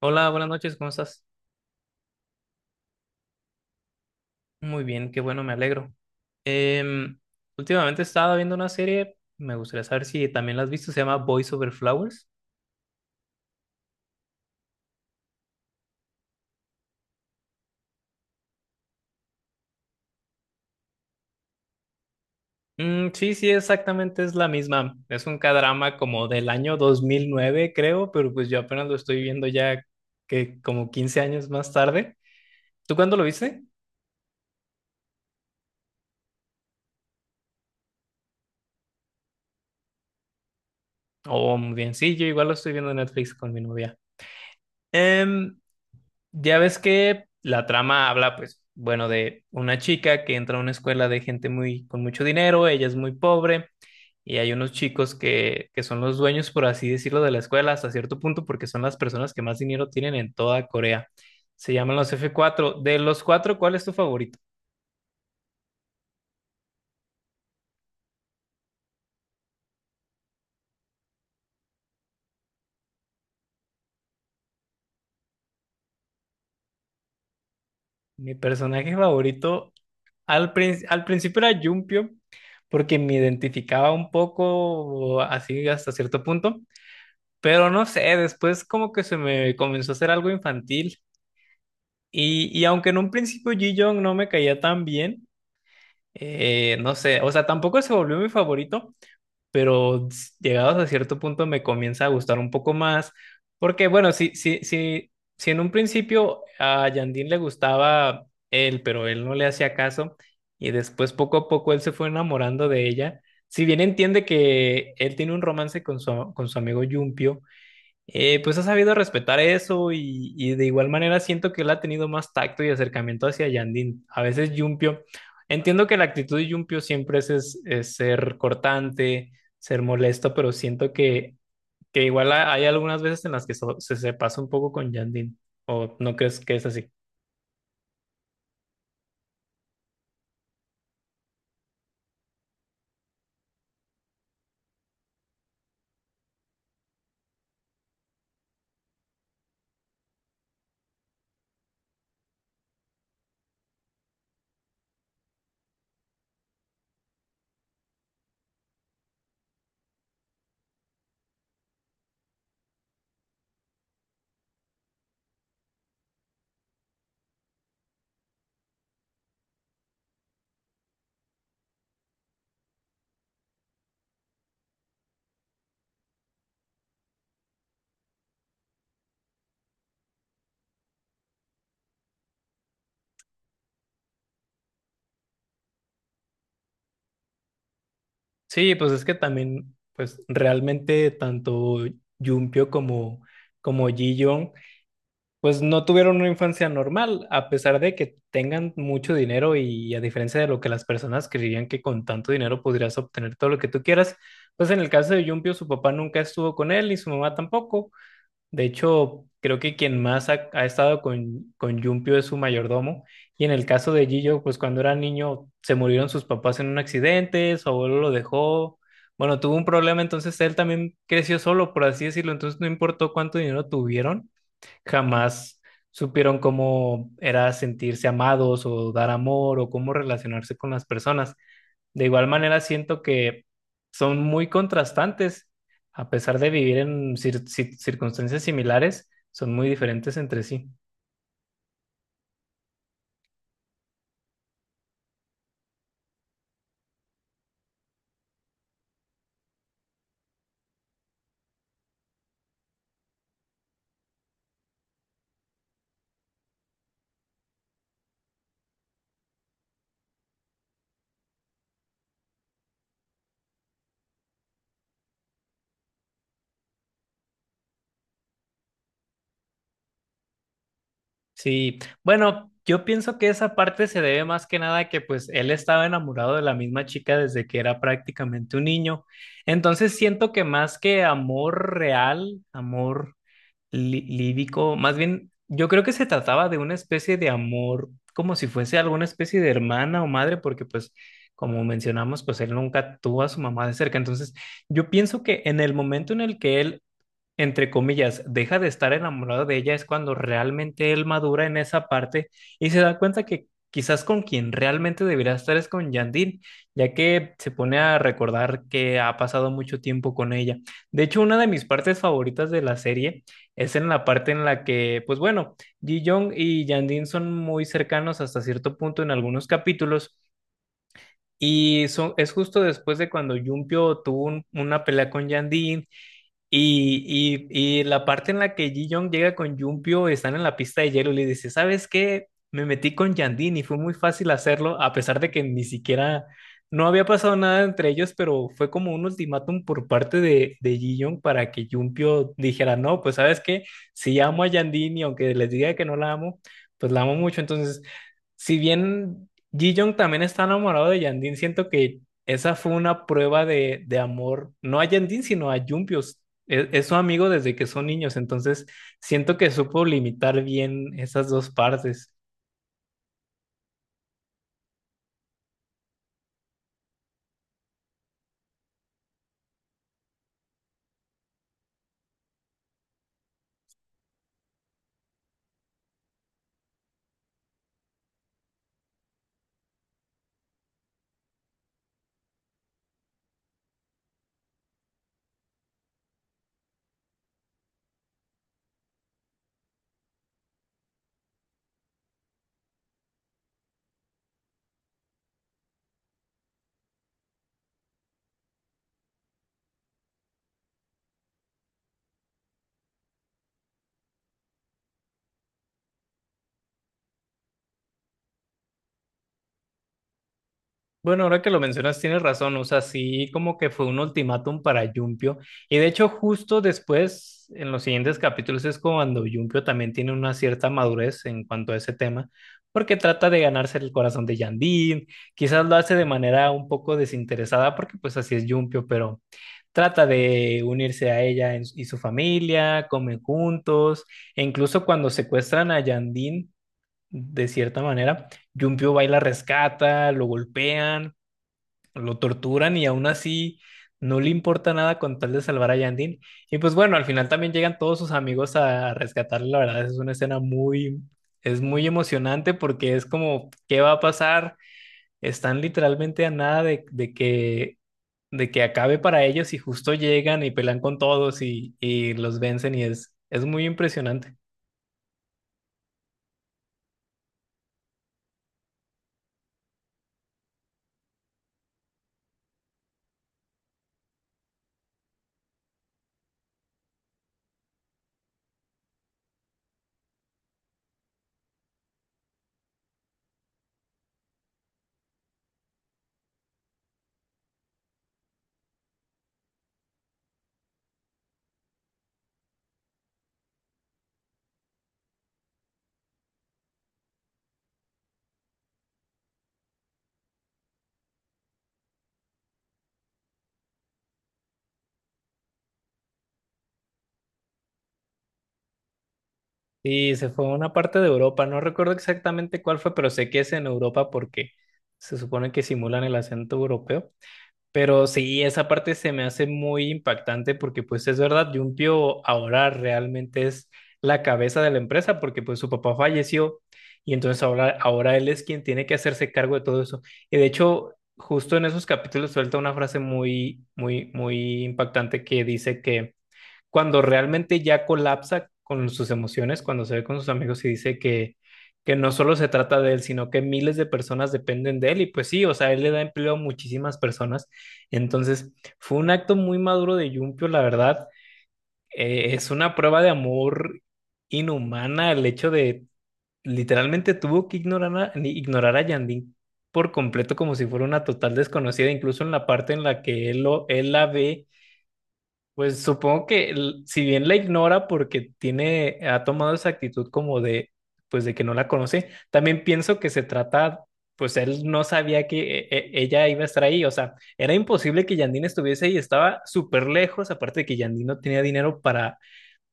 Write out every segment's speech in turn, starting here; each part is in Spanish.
Hola, buenas noches, ¿cómo estás? Muy bien, qué bueno, me alegro. Em, últimamente estaba viendo una serie, me gustaría saber si también la has visto, se llama Boys Over Flowers. Mm, sí, sí, exactamente es la misma. Es un k como del año 2009 creo, pero pues yo apenas lo estoy viendo ya que como 15 años más tarde. ¿Tú cuándo lo viste? Oh, muy bien, sí, yo igual lo estoy viendo en Netflix con mi novia. Em, Ya ves que la trama habla, pues, bueno, de una chica que entra a una escuela de gente muy con mucho dinero, ella es muy pobre, y hay unos chicos que son los dueños, por así decirlo, de la escuela hasta cierto punto, porque son las personas que más dinero tienen en toda Corea. Se llaman los F4. De los cuatro, ¿cuál es tu favorito? Mi personaje favorito al principio era Jumpio, porque me identificaba un poco así hasta cierto punto. Pero no sé, después como que se me comenzó a hacer algo infantil. Y aunque en un principio Ji Young no me caía tan bien, no sé, o sea, tampoco se volvió mi favorito, pero llegados a cierto punto me comienza a gustar un poco más. Porque bueno, si en un principio a Yandín le gustaba él, pero él no le hacía caso, y después poco a poco él se fue enamorando de ella. Si bien entiende que él tiene un romance con su amigo Yumpio, pues ha sabido respetar eso y de igual manera siento que él ha tenido más tacto y acercamiento hacia Yandín. A veces Yumpio, entiendo que la actitud de Yumpio siempre es ser cortante, ser molesto, pero siento que igual hay algunas veces en las que se pasa un poco con Yandín. ¿O no crees que es así? Sí, pues es que también, pues realmente tanto Yumpio como, como Ji pues no tuvieron una infancia normal, a pesar de que tengan mucho dinero y a diferencia de lo que las personas creerían que con tanto dinero podrías obtener todo lo que tú quieras, pues en el caso de Yumpio su papá nunca estuvo con él ni su mamá tampoco. De hecho, creo que quien más ha estado con Yumpio es su mayordomo. Y en el caso de Gillo, pues cuando era niño se murieron sus papás en un accidente, su abuelo lo dejó. Bueno, tuvo un problema, entonces él también creció solo, por así decirlo. Entonces no importó cuánto dinero tuvieron, jamás supieron cómo era sentirse amados o dar amor o cómo relacionarse con las personas. De igual manera, siento que son muy contrastantes, a pesar de vivir en circunstancias similares, son muy diferentes entre sí. Sí, bueno, yo pienso que esa parte se debe más que nada a que pues él estaba enamorado de la misma chica desde que era prácticamente un niño. Entonces siento que más que amor real, amor lírico, más bien, yo creo que se trataba de una especie de amor, como si fuese alguna especie de hermana o madre, porque pues, como mencionamos, pues él nunca tuvo a su mamá de cerca. Entonces, yo pienso que en el momento en el que él, entre comillas, deja de estar enamorado de ella es cuando realmente él madura en esa parte y se da cuenta que quizás con quien realmente debería estar es con Yandine, ya que se pone a recordar que ha pasado mucho tiempo con ella. De hecho, una de mis partes favoritas de la serie es en la parte en la que, pues bueno, Ji Young y Yandine son muy cercanos hasta cierto punto en algunos capítulos. Y son, es justo después de cuando Jumpio tuvo una pelea con Yandine, y la parte en la que Ji Young llega con Jumpio, están en la pista de hielo y le dice, ¿sabes qué? Me metí con Yandine y fue muy fácil hacerlo, a pesar de que ni siquiera, no había pasado nada entre ellos, pero fue como un ultimátum por parte de Ji Young para que Jumpio dijera, no, pues ¿sabes qué? Si amo a Yandine y aunque les diga que no la amo, pues la amo mucho. Entonces, si bien Ji Young también está enamorado de Yandine, siento que esa fue una prueba de amor, no a Yandine, sino a Jumpio. Es su amigo desde que son niños, entonces siento que supo limitar bien esas dos partes. Bueno, ahora que lo mencionas, tienes razón. O sea, sí, como que fue un ultimátum para Yumpio. Y de hecho, justo después, en los siguientes capítulos, es cuando Yumpio también tiene una cierta madurez en cuanto a ese tema, porque trata de ganarse el corazón de Yandín. Quizás lo hace de manera un poco desinteresada, porque pues así es Yumpio, pero trata de unirse a ella y su familia, comen juntos, e incluso cuando secuestran a Yandín, de cierta manera. Yumpio va y la rescata, lo golpean, lo torturan y aún así no le importa nada con tal de salvar a Yandin. Y pues bueno, al final también llegan todos sus amigos a rescatarle. La verdad es una escena muy, es muy emocionante porque es como, ¿qué va a pasar? Están literalmente a nada de, de que acabe para ellos y justo llegan y pelean con todos y los vencen y es muy impresionante. Y se fue a una parte de Europa, no recuerdo exactamente cuál fue, pero sé que es en Europa porque se supone que simulan el acento europeo. Pero sí, esa parte se me hace muy impactante porque pues es verdad, Jumpio ahora realmente es la cabeza de la empresa porque pues su papá falleció y entonces ahora, ahora él es quien tiene que hacerse cargo de todo eso. Y de hecho, justo en esos capítulos suelta una frase muy, muy, muy impactante que dice que cuando realmente ya colapsa con sus emociones, cuando se ve con sus amigos y dice que no solo se trata de él, sino que miles de personas dependen de él. Y pues sí, o sea, él le da empleo a muchísimas personas. Entonces, fue un acto muy maduro de Yumpio, la verdad. Es una prueba de amor inhumana. El hecho de literalmente tuvo que ignorar a Yandín por completo como si fuera una total desconocida, incluso en la parte en la que él, lo, él la ve, pues supongo que si bien la ignora porque tiene, ha tomado esa actitud como de, pues de que no la conoce, también pienso que se trata, pues él no sabía que ella iba a estar ahí, o sea, era imposible que Yandine estuviese ahí, estaba súper lejos, aparte de que Yandine no tenía dinero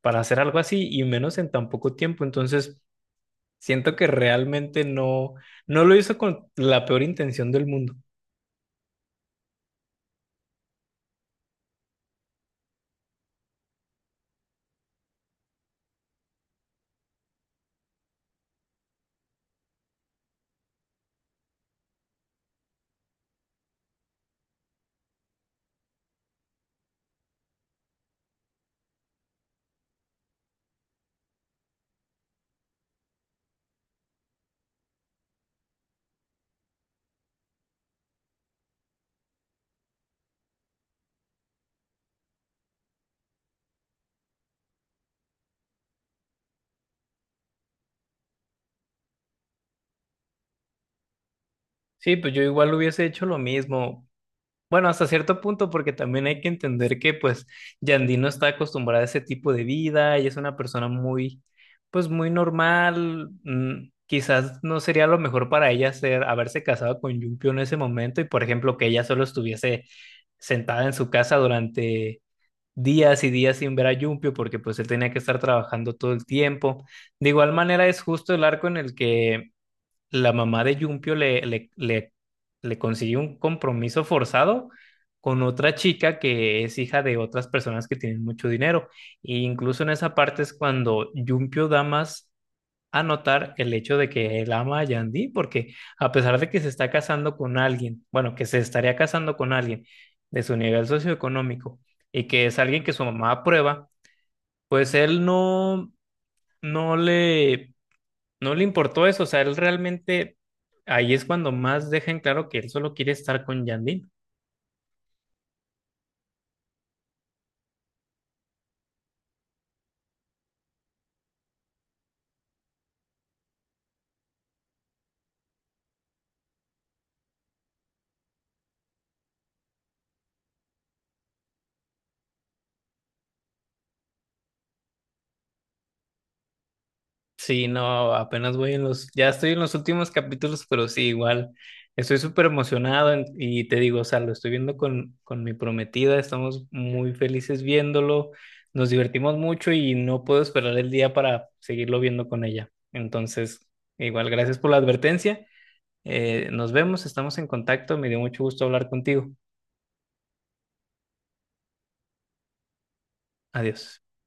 para hacer algo así y menos en tan poco tiempo, entonces siento que realmente no, no lo hizo con la peor intención del mundo. Sí, pues yo igual hubiese hecho lo mismo. Bueno, hasta cierto punto, porque también hay que entender que pues Yandy no está acostumbrada a ese tipo de vida, ella es una persona muy, pues muy normal, quizás no sería lo mejor para ella ser, haberse casado con Yumpio en ese momento y por ejemplo que ella solo estuviese sentada en su casa durante días y días sin ver a Yumpio porque pues él tenía que estar trabajando todo el tiempo. De igual manera es justo el arco en el que la mamá de Yumpio le consiguió un compromiso forzado con otra chica que es hija de otras personas que tienen mucho dinero. E incluso en esa parte es cuando Yumpio da más a notar el hecho de que él ama a Yandy, porque a pesar de que se está casando con alguien, bueno, que se estaría casando con alguien de su nivel socioeconómico y que es alguien que su mamá aprueba, pues él no, no le importó eso, o sea, él realmente ahí es cuando más dejan claro que él solo quiere estar con Yandine. Sí, no, apenas voy en los, ya estoy en los últimos capítulos, pero sí, igual, estoy súper emocionado, y te digo, o sea, lo estoy viendo con mi prometida, estamos muy felices viéndolo, nos divertimos mucho y no puedo esperar el día para seguirlo viendo con ella. Entonces, igual, gracias por la advertencia. Nos vemos, estamos en contacto, me dio mucho gusto hablar contigo. Adiós.